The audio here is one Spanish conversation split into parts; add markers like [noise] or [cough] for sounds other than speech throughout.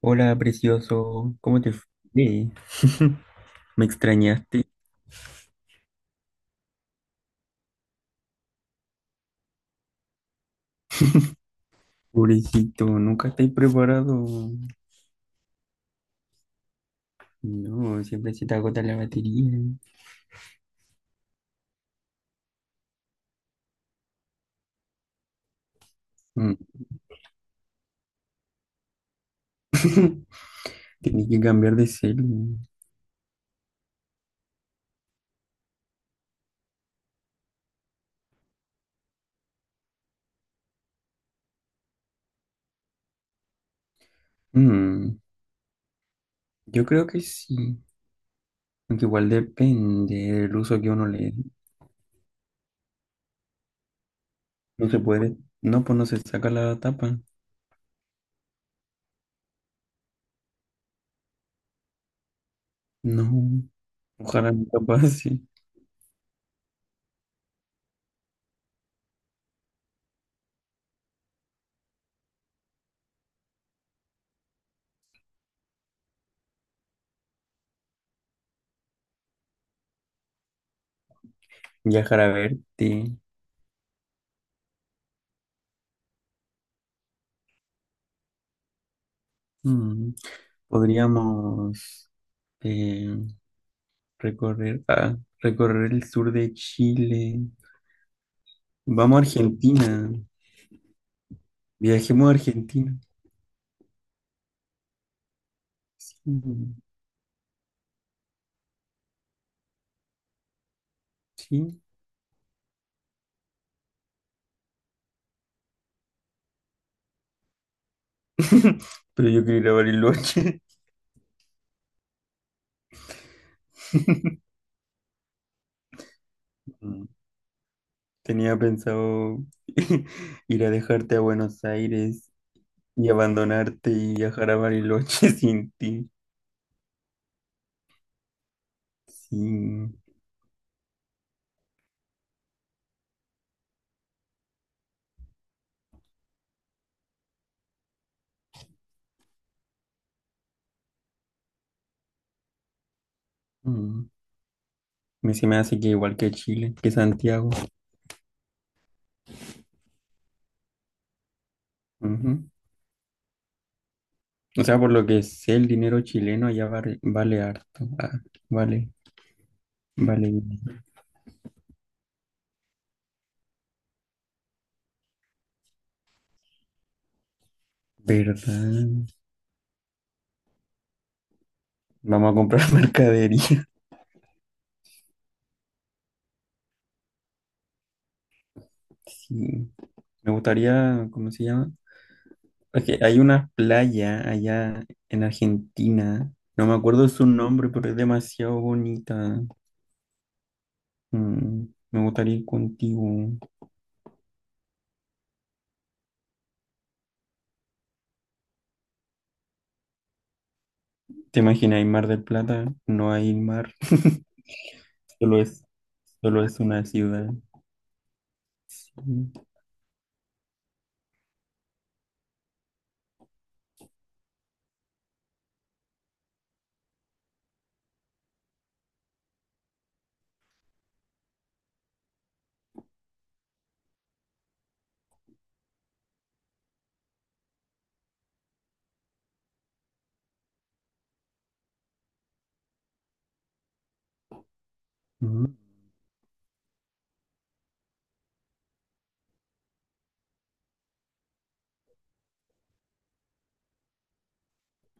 Hola, precioso, ¿cómo te fue? [laughs] Me extrañaste, pobrecito, nunca estoy preparado. No, siempre se te agota la batería. Mm. [laughs] Tienes que cambiar de celu. Mm, Yo creo que sí, aunque igual depende del uso que uno le dé. No se puede, no, pues no se saca la tapa. No, ojalá nunca pase. Viajar a verte. Mm, Podríamos. eh, Recorrer, ah, recorrer el sur de Chile. Vamos a Argentina. Viajemos a Argentina. Mm, sí. [laughs] Pero yo quiero ir a Bariloche. [laughs] Mm, Tenía pensado [laughs] ir a dejarte a Buenos Aires y abandonarte y viajar a Bariloche [laughs] sin ti. Sí. Me se me hace que igual que Chile, que Santiago. Ujú. O sea, por lo que sé, el dinero chileno ya vale harto. Ah, vale, vale. ¿Verdad? Vamos a comprar [laughs] mercadería. Sí. Me gustaría, ¿cómo se llama? Es hay una playa allá en Argentina. No me acuerdo su nombre, pero es demasiado bonita. Mm, Me gustaría ir contigo. ¿Te imaginas, hay Mar del Plata? No hay mar. [laughs] Solo es, solo es una ciudad. Sí. Mm.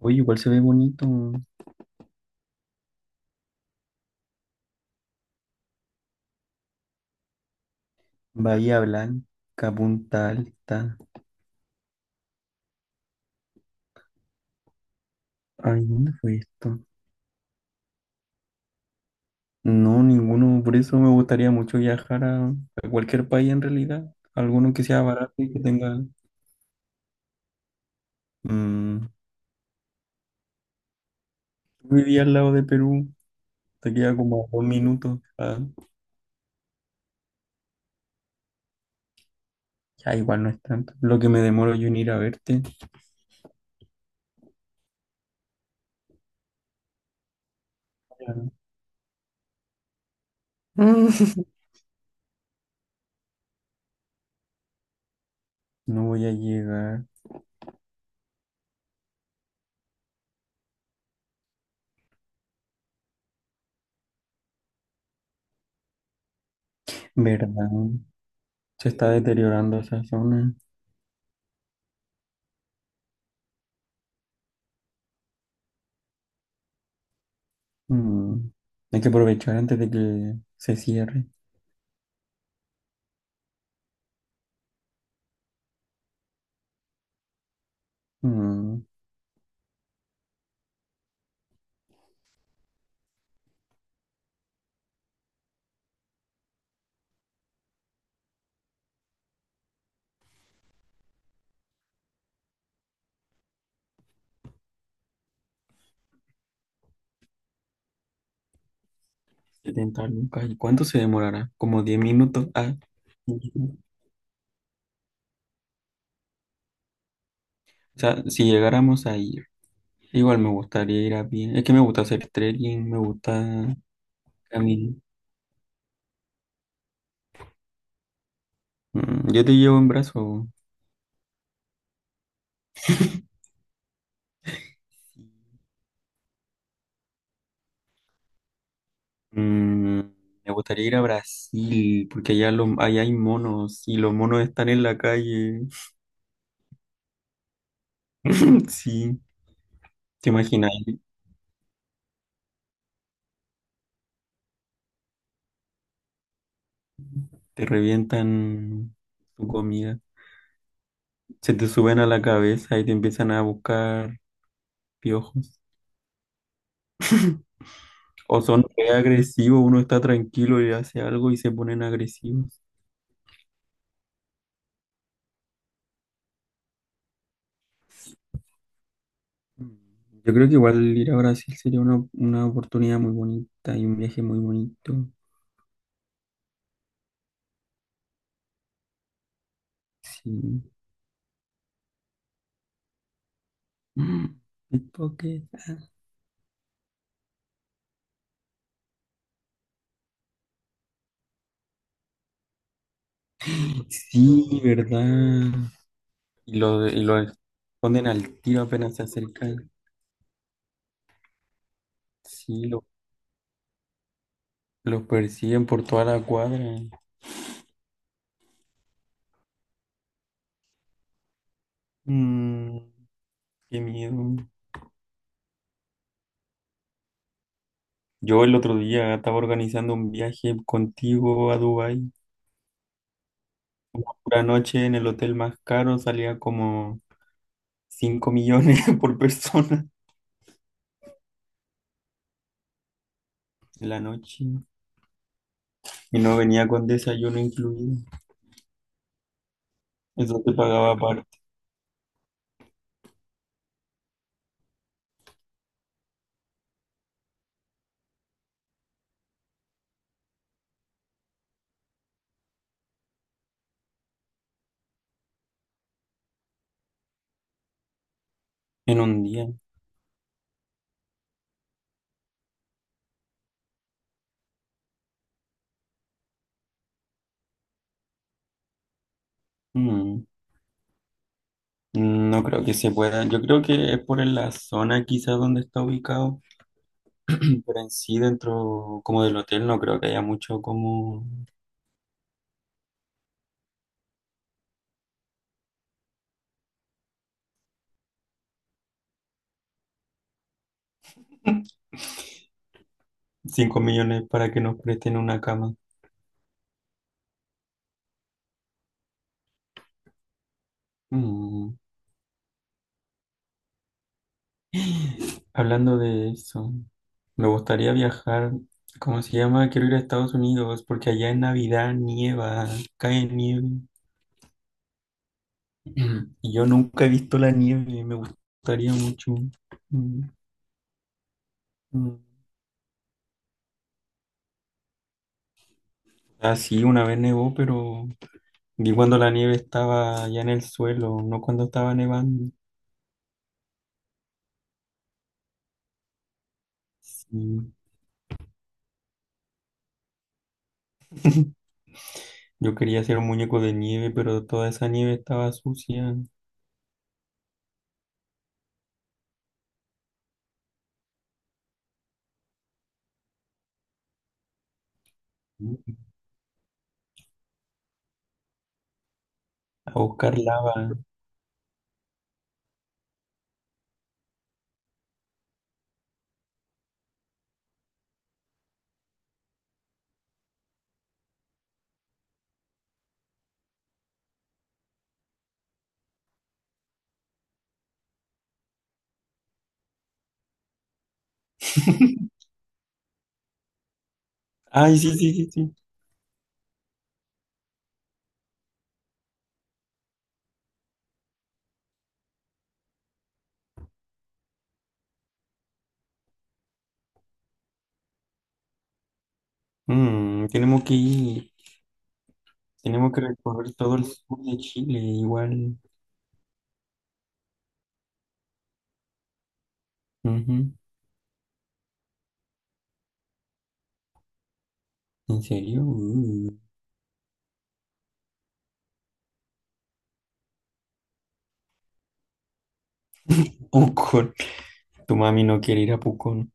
Oye, igual se ve bonito. Bahía Blanca, Punta Alta. Ay, ¿dónde fue esto? No, ninguno. Por eso me gustaría mucho viajar a cualquier país en realidad. Alguno que sea barato y que tenga... mm, vivía al lado de Perú. Te queda como 2 minutos. Ya igual no es tanto. Lo que me demoro yo en ir a verte. Ya. Mm. [laughs] No voy a llegar. ¿Verdad? Se está deteriorando esa zona. Mm, Hay que aprovechar antes de que se cierre. Mm, 70 lucas. ¿Y cuánto se demorará? Como 10 minutos. [laughs] O sea, si llegáramos ahí. Igual me gustaría ir a pie. Es que me gusta hacer trekking, me gusta caminar. Mm, yo te llevo en brazo. Mm, Me gustaría ir a Brasil, porque allá, allá hay monos y los monos están en la calle. [laughs] Sí, te imaginas, te revientan tu comida, se te suben a la cabeza y te empiezan a buscar piojos. O son re agresivos, uno está tranquilo y hace algo y se ponen agresivos. Mm, Yo creo que igual ir a Brasil sería una oportunidad muy bonita y un viaje muy bonito. Sí. Mm, pickpocket. Ah, sí, ¿verdad? Y y lo esconden al tiro apenas se acercan. Sí, lo persiguen por toda la cuadra. Mm, qué miedo. Yo el otro día estaba organizando un viaje contigo a Dubái. Una noche en el hotel más caro salía como 5 millones [laughs] por persona la noche. Y no venía con desayuno incluido. Eso te pagaba aparte en un día. Mm, No creo que se pueda. Yo creo que es por la zona quizás donde está ubicado. [clears throat] Pero en sí, dentro como del hotel, no creo que haya mucho como 5 millones para que nos presten una cama. Mm, Hablando de eso, me gustaría viajar. ¿Cómo se llama? Quiero ir a Estados Unidos porque allá en Navidad nieva, cae nieve. Mm. Yo nunca he visto la nieve, me gustaría mucho. Mm, mm. Ah, sí, una vez nevó, pero vi cuando la nieve estaba ya en el suelo, no cuando estaba nevando. Sí. [laughs] Yo quería hacer un muñeco de nieve, pero toda esa nieve estaba sucia. A buscar lava. Ay, sí, sí, sí, sí. Mm, tenemos que ir, tenemos que recorrer todo el sur de Chile, igual. Ujú. ¿En serio? Pucón. Tu mami no quiere ir a Pucón.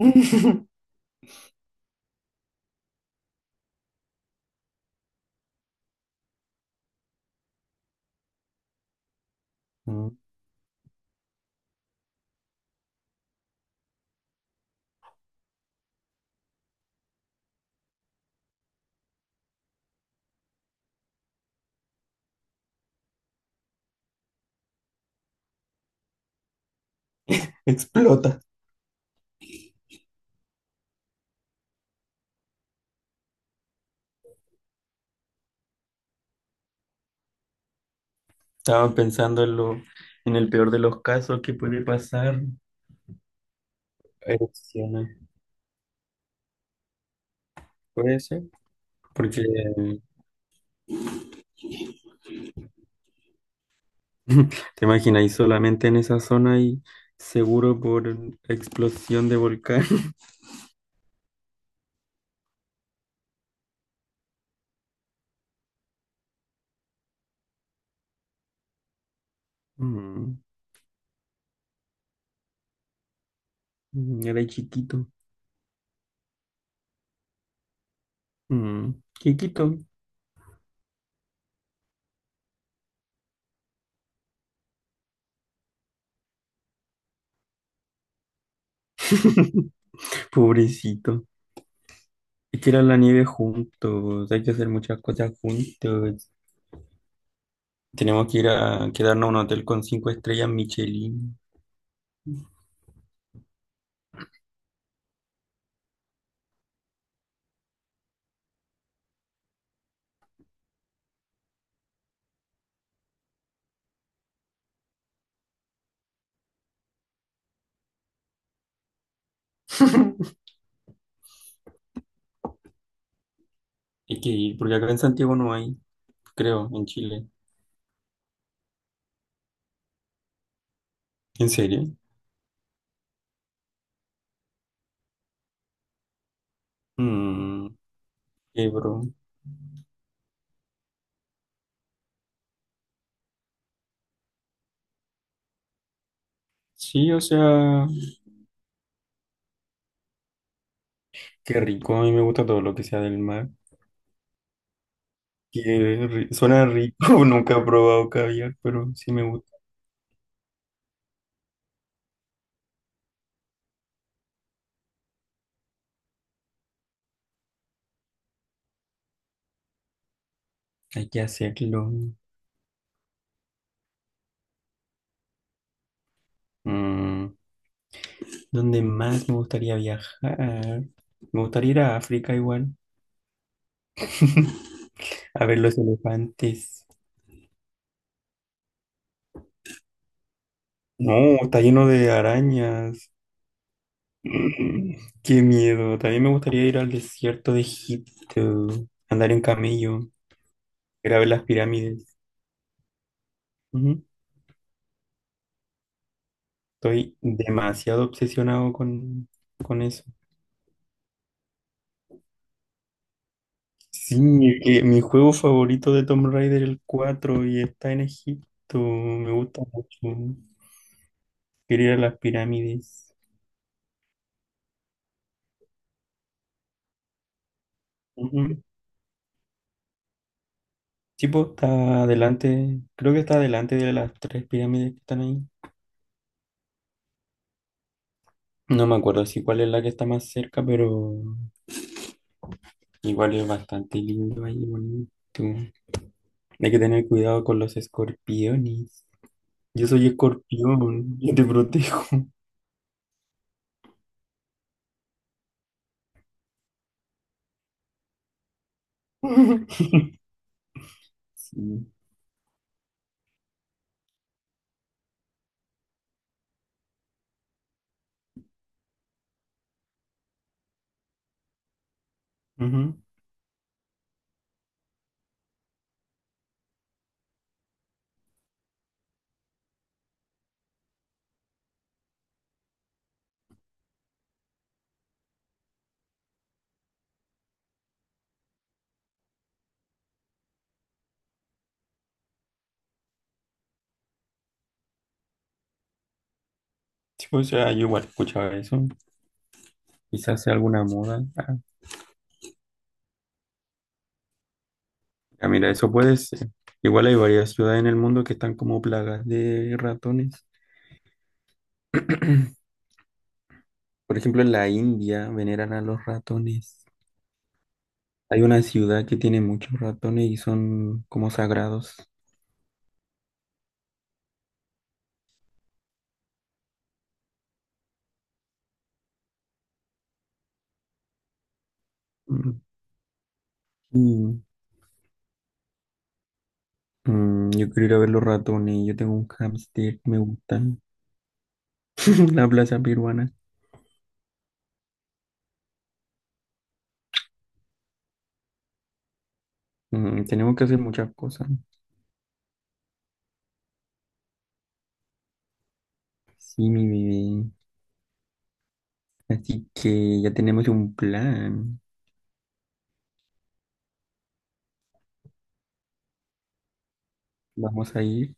[laughs] Mm, explota. Estaba pensando en el peor de los casos que puede pasar. Erupciones. Puede ser. Porque te imaginas, solamente en esa zona y seguro por explosión de volcán. [laughs] Mm, mm, era chiquito. Mm, chiquito. [laughs] Pobrecito. Es que era la nieve juntos. Hay que hacer muchas cosas juntos. Tenemos que ir a quedarnos a un hotel con cinco estrellas Michelin. Hay que ir, porque acá en Santiago no hay, creo, en Chile. ¿En serio? Mmm, qué bro. Sí, o sea, qué rico. A mí me gusta todo lo que sea del mar. Qué Suena rico. [laughs] Nunca he probado caviar, pero sí me gusta. Hay que hacerlo. Mm, ¿dónde más me gustaría viajar? Me gustaría ir a África igual, [laughs] a ver los elefantes. No, está lleno de arañas. Mm, qué miedo. También me gustaría ir al desierto de Egipto, andar en camello, ir a ver las pirámides. Ujú. Estoy demasiado obsesionado con eso. Sí, es que mi juego favorito de Tomb Raider el 4 y está en Egipto. Me gusta mucho. Quiero ir a las pirámides. Ujú. Sí, pues, está adelante. Creo que está adelante de las tres pirámides que están ahí. No me acuerdo si cuál es la que está más cerca, pero igual es bastante lindo ahí, bonito. Hay que tener cuidado con los escorpiones. Yo soy escorpión, yo te protejo. [laughs] Sí. Ujú. Sí, o sea, yo igual escuchaba eso. Quizás sea alguna moda. Ah, ya mira, eso puede ser. Igual hay varias ciudades en el mundo que están como plagas de ratones. [clears throat] Por ejemplo, en la India veneran a los ratones. Hay una ciudad que tiene muchos ratones y son como sagrados. Mm. Y yo quiero ir a ver los ratones. Yo tengo un hámster, me gustan. [laughs] La plaza peruana. Mm, tenemos que hacer muchas cosas. Sí, mi bebé. Así que ya tenemos un plan. Vamos a ir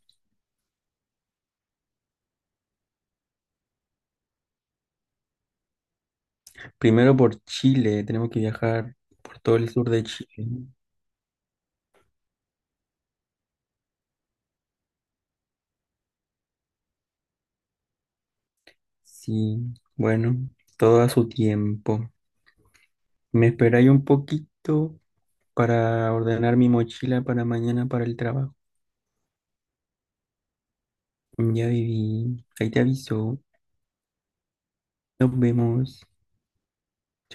primero por Chile. Tenemos que viajar por todo el sur de Chile. Sí, bueno, todo a su tiempo. Me esperáis un poquito para ordenar mi mochila para mañana para el trabajo. Ya viví. Ahí te aviso. Nos vemos. Chao.